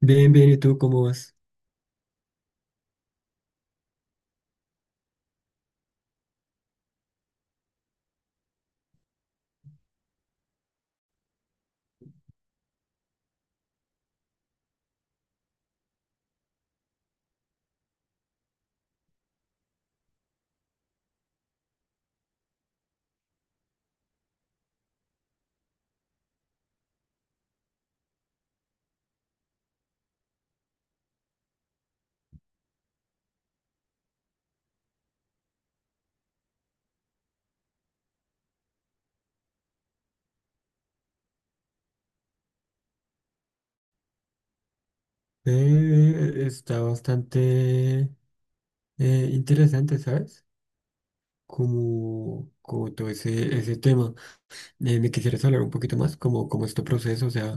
Bien, bien, ¿y tú cómo vas? Está bastante interesante, ¿sabes? Como todo ese tema. Me quisieras hablar un poquito más, como este proceso, o sea,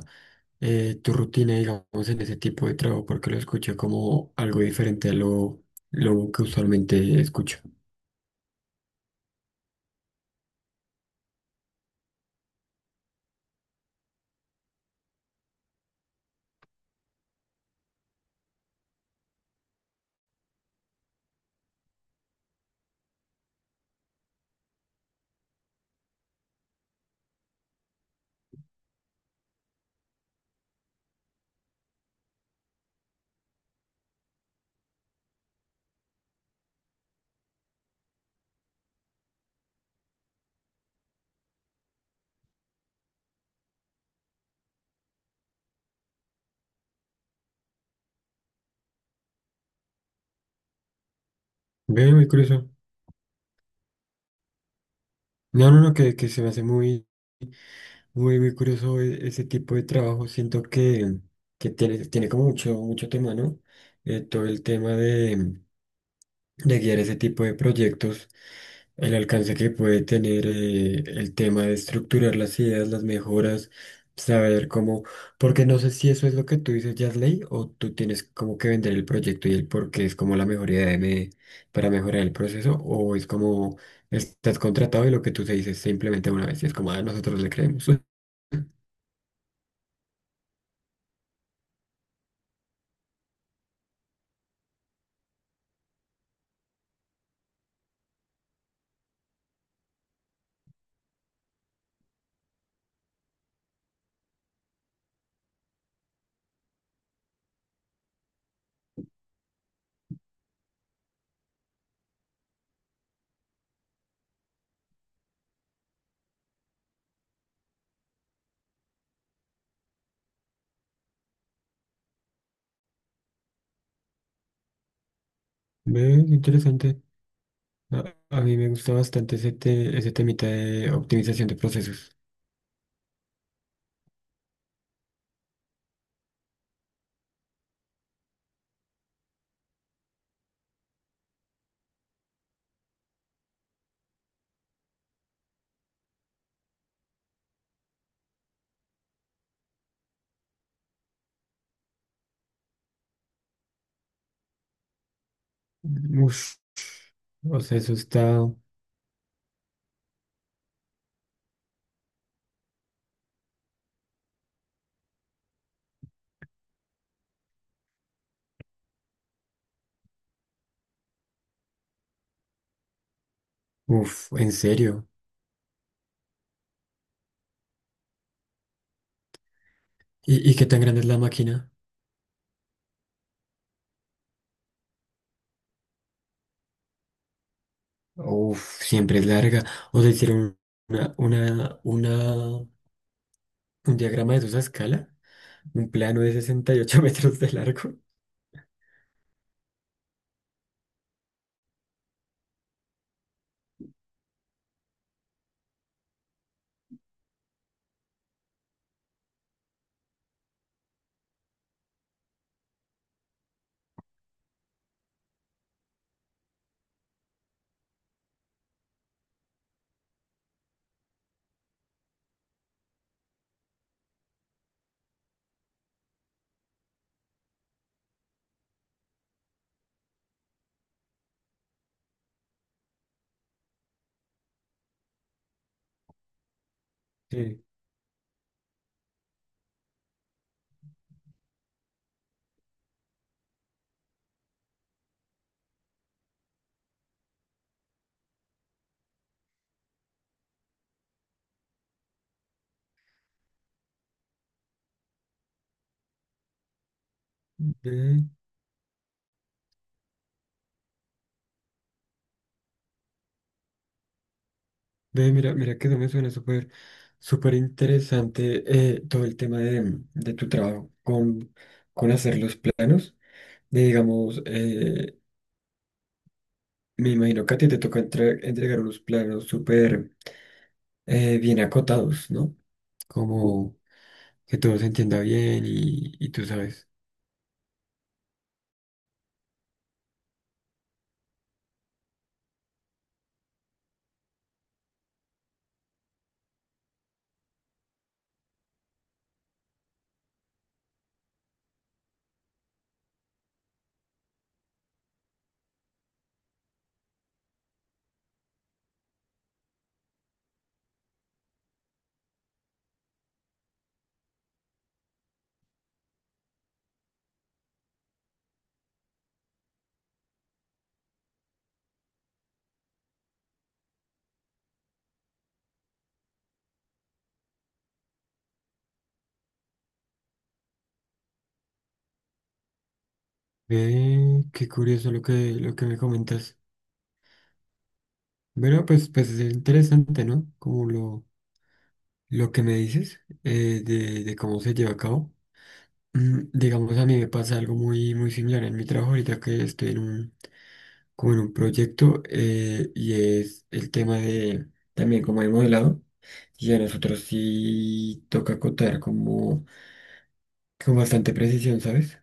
tu rutina, digamos, en ese tipo de trabajo, porque lo escuché como algo diferente a lo que usualmente escucho. Ve, muy curioso. No, no, no, que se me hace muy. Muy curioso ese tipo de trabajo. Siento que tiene como mucho tema, ¿no? Todo el tema de guiar ese tipo de proyectos, el alcance que puede tener, el tema de estructurar las ideas, las mejoras, saber cómo, porque no sé si eso es lo que tú dices, Yasley, o tú tienes como que vender el proyecto y el por qué es como la mejor idea para mejorar el proceso, o es como estás contratado y lo que tú se dices se implementa una vez y es como, ah, nosotros le creemos. Ve, qué interesante. A mí me gusta bastante ese ese temita de optimización de procesos. Uf, o sea, eso está... Uf, ¿en serio? ¿ y qué tan grande es la máquina? Uf, siempre es larga. O sea, hicieron una, una, una, un diagrama de esa escala, un plano de 68 metros de largo. Sí. Ve, ve, mira que eso me suena súper interesante todo el tema de tu trabajo con hacer los planos. Y digamos, me imagino que a ti te toca entregar unos planos súper bien acotados, ¿no? Como que todo se entienda bien y tú sabes. Ve, qué curioso lo que me comentas. Bueno, pues es interesante, ¿no? Como lo que me dices de cómo se lleva a cabo. Mm, digamos, a mí me pasa algo muy similar en mi trabajo ahorita que estoy en como en un proyecto y es el tema de también como hay modelado y a nosotros sí toca contar como con bastante precisión, ¿sabes?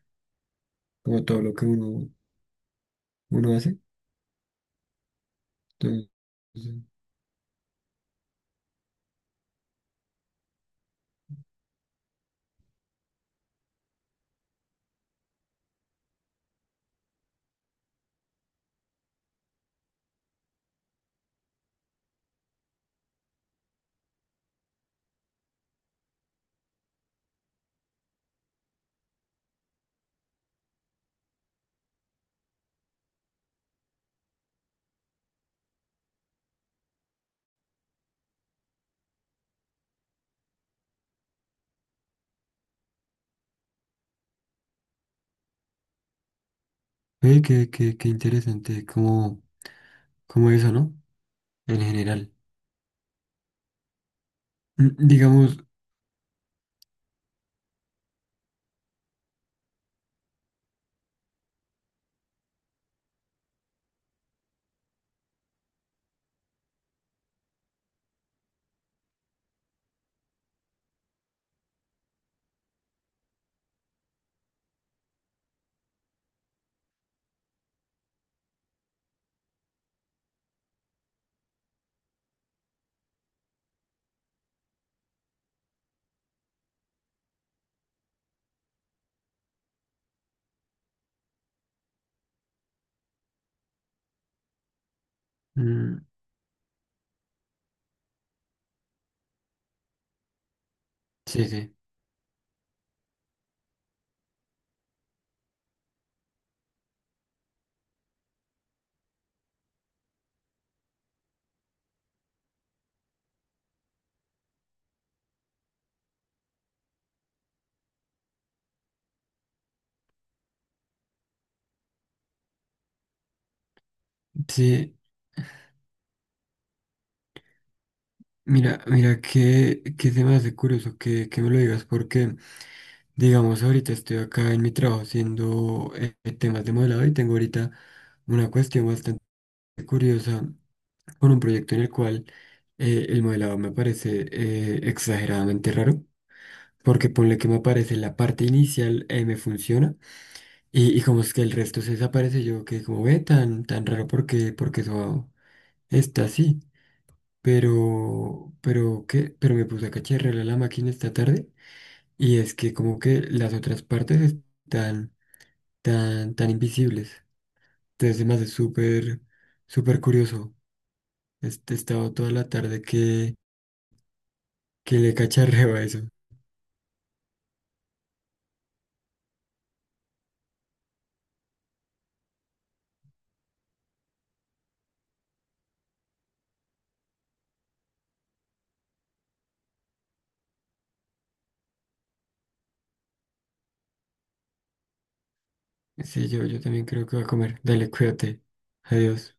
Como todo lo que uno hace. Entonces, qué interesante como, como eso, ¿no? En general. Mm, digamos, mm, sí, sí. Sí, mira, qué se me hace curioso que me lo digas, porque, digamos, ahorita estoy acá en mi trabajo haciendo temas de modelado y tengo ahorita una cuestión bastante curiosa con un proyecto en el cual el modelado me parece exageradamente raro. Porque ponle que me aparece la parte inicial, me funciona. Y como es que el resto se desaparece, yo que como ve tan raro porque eso está así pero, ¿qué? Pero me puse a cacharrear la máquina esta tarde y es que como que las otras partes están tan invisibles. Entonces me hace súper, súper curioso. Este, he estado toda la tarde que le cacharreo a eso. Sí, yo también creo que voy a comer. Dale, cuídate. Adiós.